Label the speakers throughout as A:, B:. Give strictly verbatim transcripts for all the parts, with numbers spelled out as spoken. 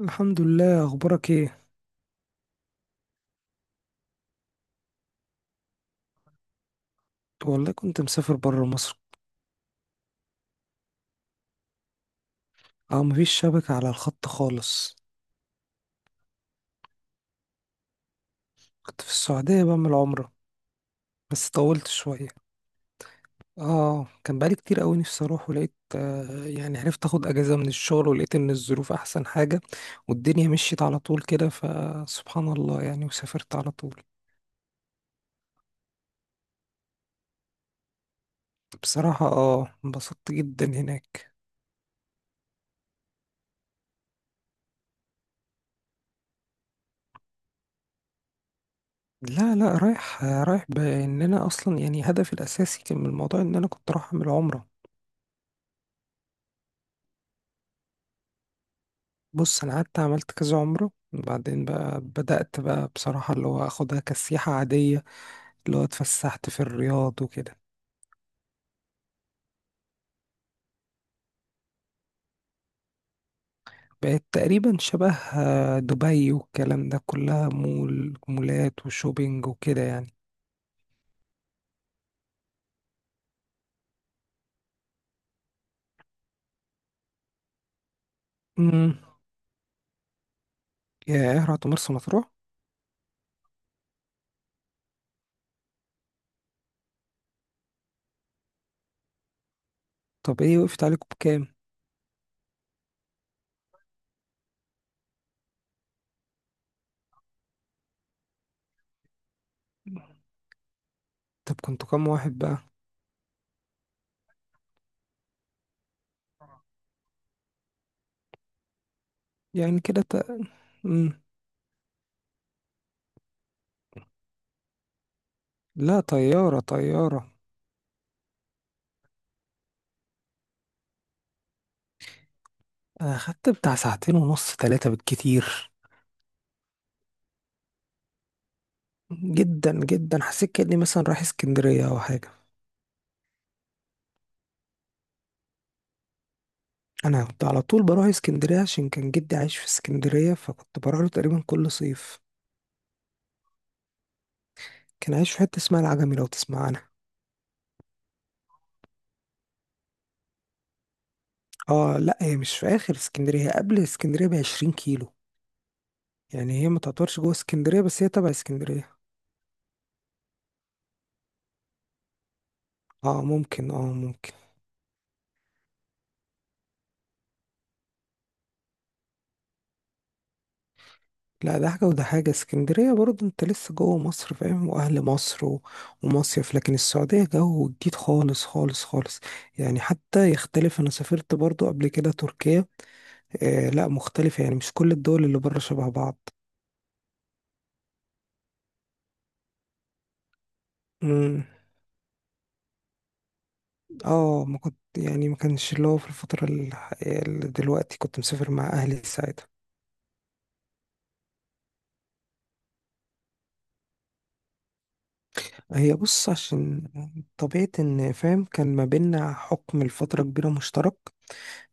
A: الحمد لله، اخبارك ايه؟ والله كنت مسافر برا مصر. اه، مفيش شبكة على الخط خالص. كنت في السعودية بعمل عمرة، بس طولت شوية. اه، كان بقالي كتير قوي نفسي اروح، ولقيت آه يعني عرفت اخد اجازة من الشغل، ولقيت ان الظروف احسن حاجة والدنيا مشيت على طول كده، فسبحان الله يعني، وسافرت على طول. بصراحة اه انبسطت جدا هناك. لا لا، رايح آه، رايح، بان انا اصلا يعني هدفي الاساسي كان من الموضوع ان انا كنت رايح اعمل عمرة. بص، انا قعدت عملت كذا عمره، وبعدين بقى بدأت بقى بصراحة اللي هو اخدها كسياحة عادية، اللي هو اتفسحت في الرياض وكده. بقت تقريبا شبه آه، دبي والكلام ده، كلها مول، مولات وشوبينج وكده يعني. امم يا ايه، رحت مرسى مطروح؟ طب ايه وقفت عليكم بكام؟ طب كنتوا كام واحد بقى؟ يعني كده تق... مم. لا، طيارة طيارة. انا خدت بتاع ساعتين ونص، ثلاثة بالكتير. جدا جدا، حسيت كأني مثلا رايح اسكندرية او حاجة. انا كنت على طول بروح اسكندريه، عشان كان جدي عايش في اسكندريه، فكنت بروح له تقريبا كل صيف. كان عايش في حته اسمها العجمي، لو تسمع عنها. اه، لا هي مش في اخر اسكندريه، هي قبل اسكندريه ب عشرين كيلو. يعني هي ما تعتبرش جوه اسكندريه، بس هي تبع اسكندريه. اه ممكن، اه ممكن. لا، ده حاجه وده حاجه. اسكندريه برضه انت لسه جوه مصر فاهم، واهل مصر و... ومصيف، لكن السعوديه جو جديد خالص خالص خالص. يعني حتى يختلف، انا سافرت برضه قبل كده تركيا، آه لا مختلفة، يعني مش كل الدول اللي بره شبه بعض. مم. اه، ما كنت يعني ما كانش اللي هو في الفترة ال- اللي دلوقتي، كنت مسافر مع أهلي ساعتها. هي بص، عشان طبيعة إن فاهم كان ما بينا حكم لفترة كبيرة مشترك،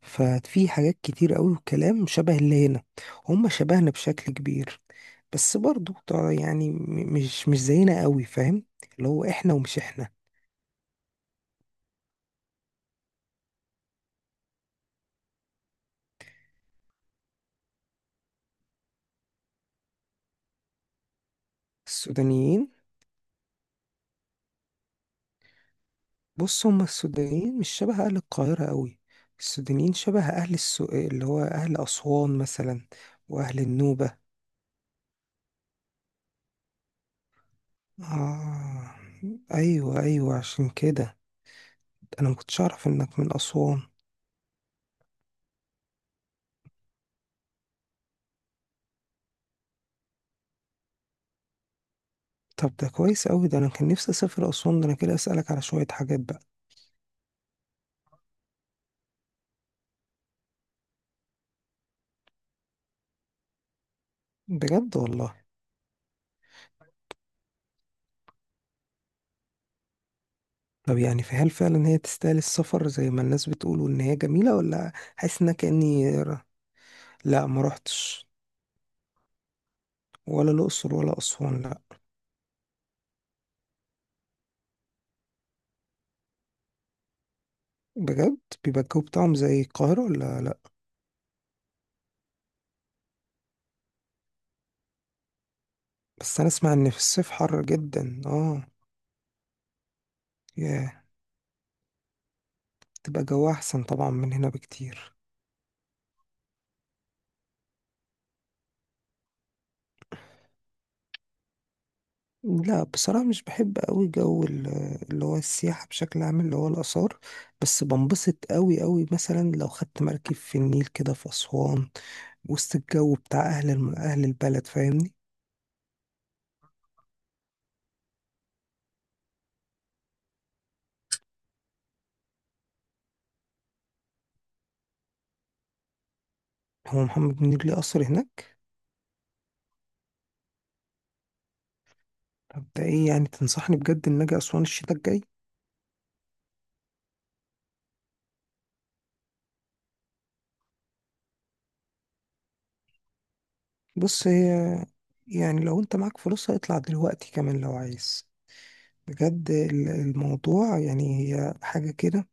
A: ففي حاجات كتير أوي وكلام شبه اللي هنا. هم شبهنا بشكل كبير، بس برضو طبعاً يعني م- مش مش زينا أوي فاهم، اللي هو إحنا ومش إحنا. السودانيين. بص، هما السودانيين مش شبه أهل القاهرة قوي. السودانيين شبه أهل السو... اللي هو أهل أسوان مثلا، وأهل النوبة. آه، أيوة أيوة، عشان كده أنا مكنتش أعرف إنك من أسوان. طب ده كويس أوي، ده أنا كان نفسي أسافر أسوان، ده أنا كده أسألك على شوية حاجات بقى. بجد والله؟ طب يعني في، هل فعلا هي تستاهل السفر زي ما الناس بتقول وإن هي جميلة، ولا حاسس إنك كأني ر- لا ما روحتش. ولا الأقصر ولا أسوان، لا. بجد؟ بيبقى الجو بتاعهم زي القاهرة ولا لأ؟ بس أنا أسمع إن في الصيف حر جدا اه. ياه، تبقى جو أحسن طبعا من هنا بكتير. لا بصراحة، مش بحب أوي جو ال- اللي هو السياحة بشكل عام، اللي هو الآثار. بس بنبسط أوي أوي مثلا لو خدت مركب في النيل كده في أسوان، وسط الجو بتاع أهل الم... أهل البلد فاهمني. هو محمد منير ليه قصر هناك؟ طب ده إيه، يعني تنصحني بجد إن أجي أسوان الشتاء الجاي؟ بص هي، يعني لو انت معاك فلوسها اطلع دلوقتي كمان لو عايز. بجد، ال- الموضوع يعني هي حاجة كده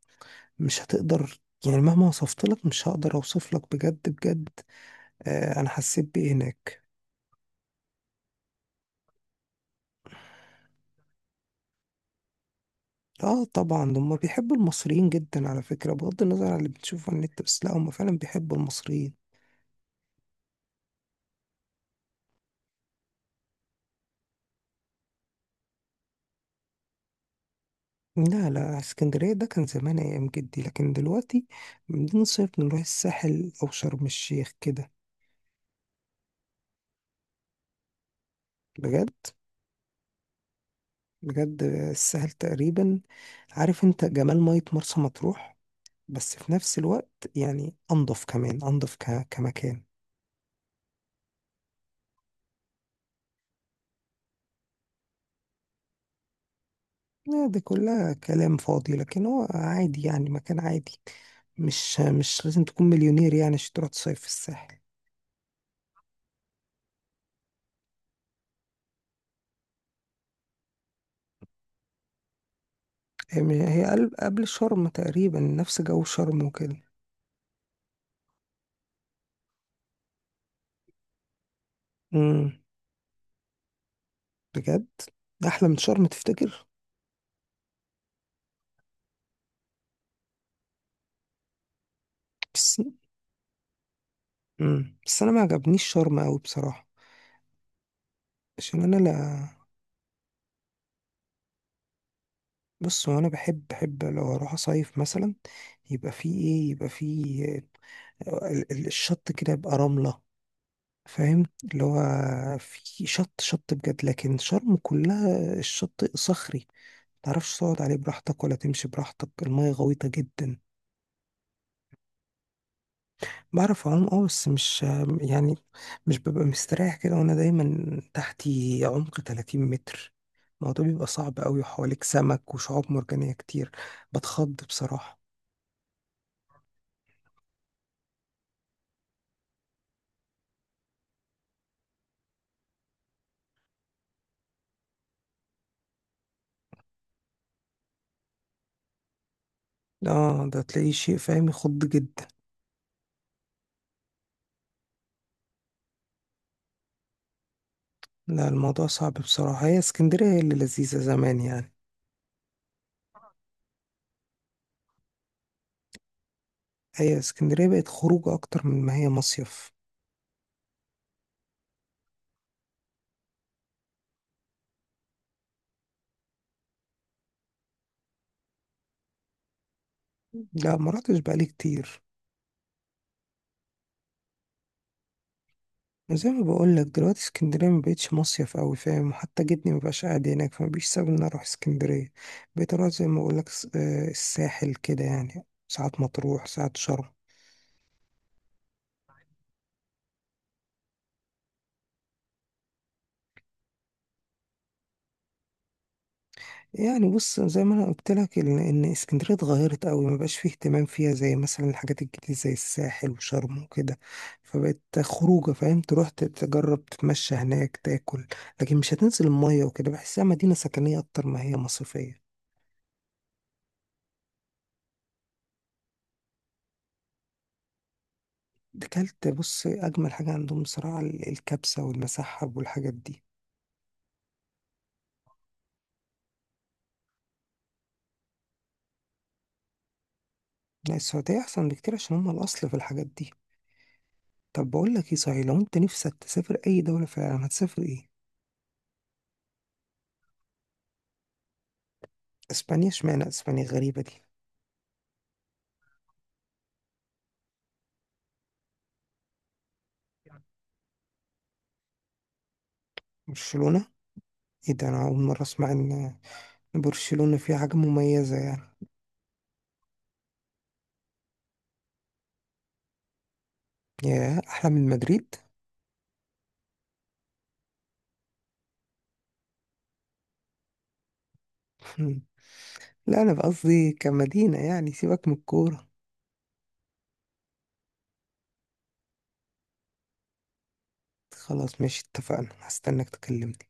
A: مش هتقدر، يعني مهما وصفت لك مش هقدر اوصف لك بجد بجد آه انا حسيت بايه هناك. اه طبعا هم بيحبوا المصريين جدا على فكرة، بغض النظر عن اللي بتشوفه على النت، بس لا هم فعلا بيحبوا المصريين. لا لا، اسكندرية ده كان زمان أيام جدي، لكن دلوقتي بنصيف نروح الساحل أو شرم الشيخ كده. بجد؟ بجد، السهل تقريبا. عارف انت جمال مية مرسى مطروح، بس في نفس الوقت يعني انضف كمان، انضف ك... كمكان. لا دي كلها كلام فاضي، لكن هو عادي يعني، مكان عادي. مش مش لازم تكون مليونير يعني عشان تروح تصيف في الساحل. هي هي قل- قبل شرم تقريبا، نفس جو شرم وكده. امم، بجد. ده احلى من شرم تفتكر؟ بس. امم، بس انا ما عجبنيش شرم قوي بصراحة، عشان انا لا. بص هو انا بحب، بحب لو اروح اصيف مثلا، يبقى فيه ايه، يبقى فيه آه، ال- ال- الشط كده يبقى رملة فاهم اللي هو، في شط، شط بجد، لكن شرم كلها الشط صخري، متعرفش تقعد عليه براحتك ولا تمشي براحتك، المية غويطة جدا. بعرف اعوم اه، بس مش آه، يعني مش ببقى مستريح كده، وانا دايما تحتي عمق تلاتين متر. الموضوع بيبقى صعب قوي، وحواليك سمك وشعاب مرجانية كتير. بتخض بصراحة. اه ده تلاقيه شيء فاهم يخض جدا. لا الموضوع صعب بصراحة، هي اسكندرية هي اللي لذيذة زمان يعني. هي اسكندرية بقت خروج أكتر من ما هي مصيف. لا ما رحتش بقالي كتير. زي ما بقولك دلوقتي، اسكندرية ما بقتش مصيف أوي فاهم، حتى جدني مبقاش قاعد هناك، فما بيش سبب إن أنا أروح اسكندرية. بقيت أروح زي ما بقولك س- آه، الساحل كده، يعني ساعات مطروح ساعات شرم. يعني بص، زي ما انا قلت لك ان، إن اسكندريه اتغيرت قوي، ما بقاش فيه اهتمام فيها زي مثلا الحاجات الجديده زي الساحل وشرم وكده، فبقت خروجه فاهم، تروح تجرب تتمشى هناك تاكل، لكن مش هتنزل الميه وكده، بحسها مدينه سكنيه اكتر ما هي مصيفيه. اكلت، بص اجمل حاجه عندهم بصراحه ال- الكبسه والمسحب والحاجات دي. لا السعوديه احسن بكتير، عشان هم الاصل في الحاجات دي. طب بقول لك ايه صحيح، لو انت نفسك تسافر اي دوله في العالم، هتسافر ايه؟ اسبانيا؟ اشمعنى اسبانيا، غريبه دي. برشلونه؟ ايه ده، انا اول مرة اسمع ان برشلونة فيها حاجة مميزة يعني. ياه، احلى من مدريد؟ لا انا قصدي كمدينة، يعني سيبك من الكورة. خلاص ماشي، اتفقنا، هستناك تكلمني.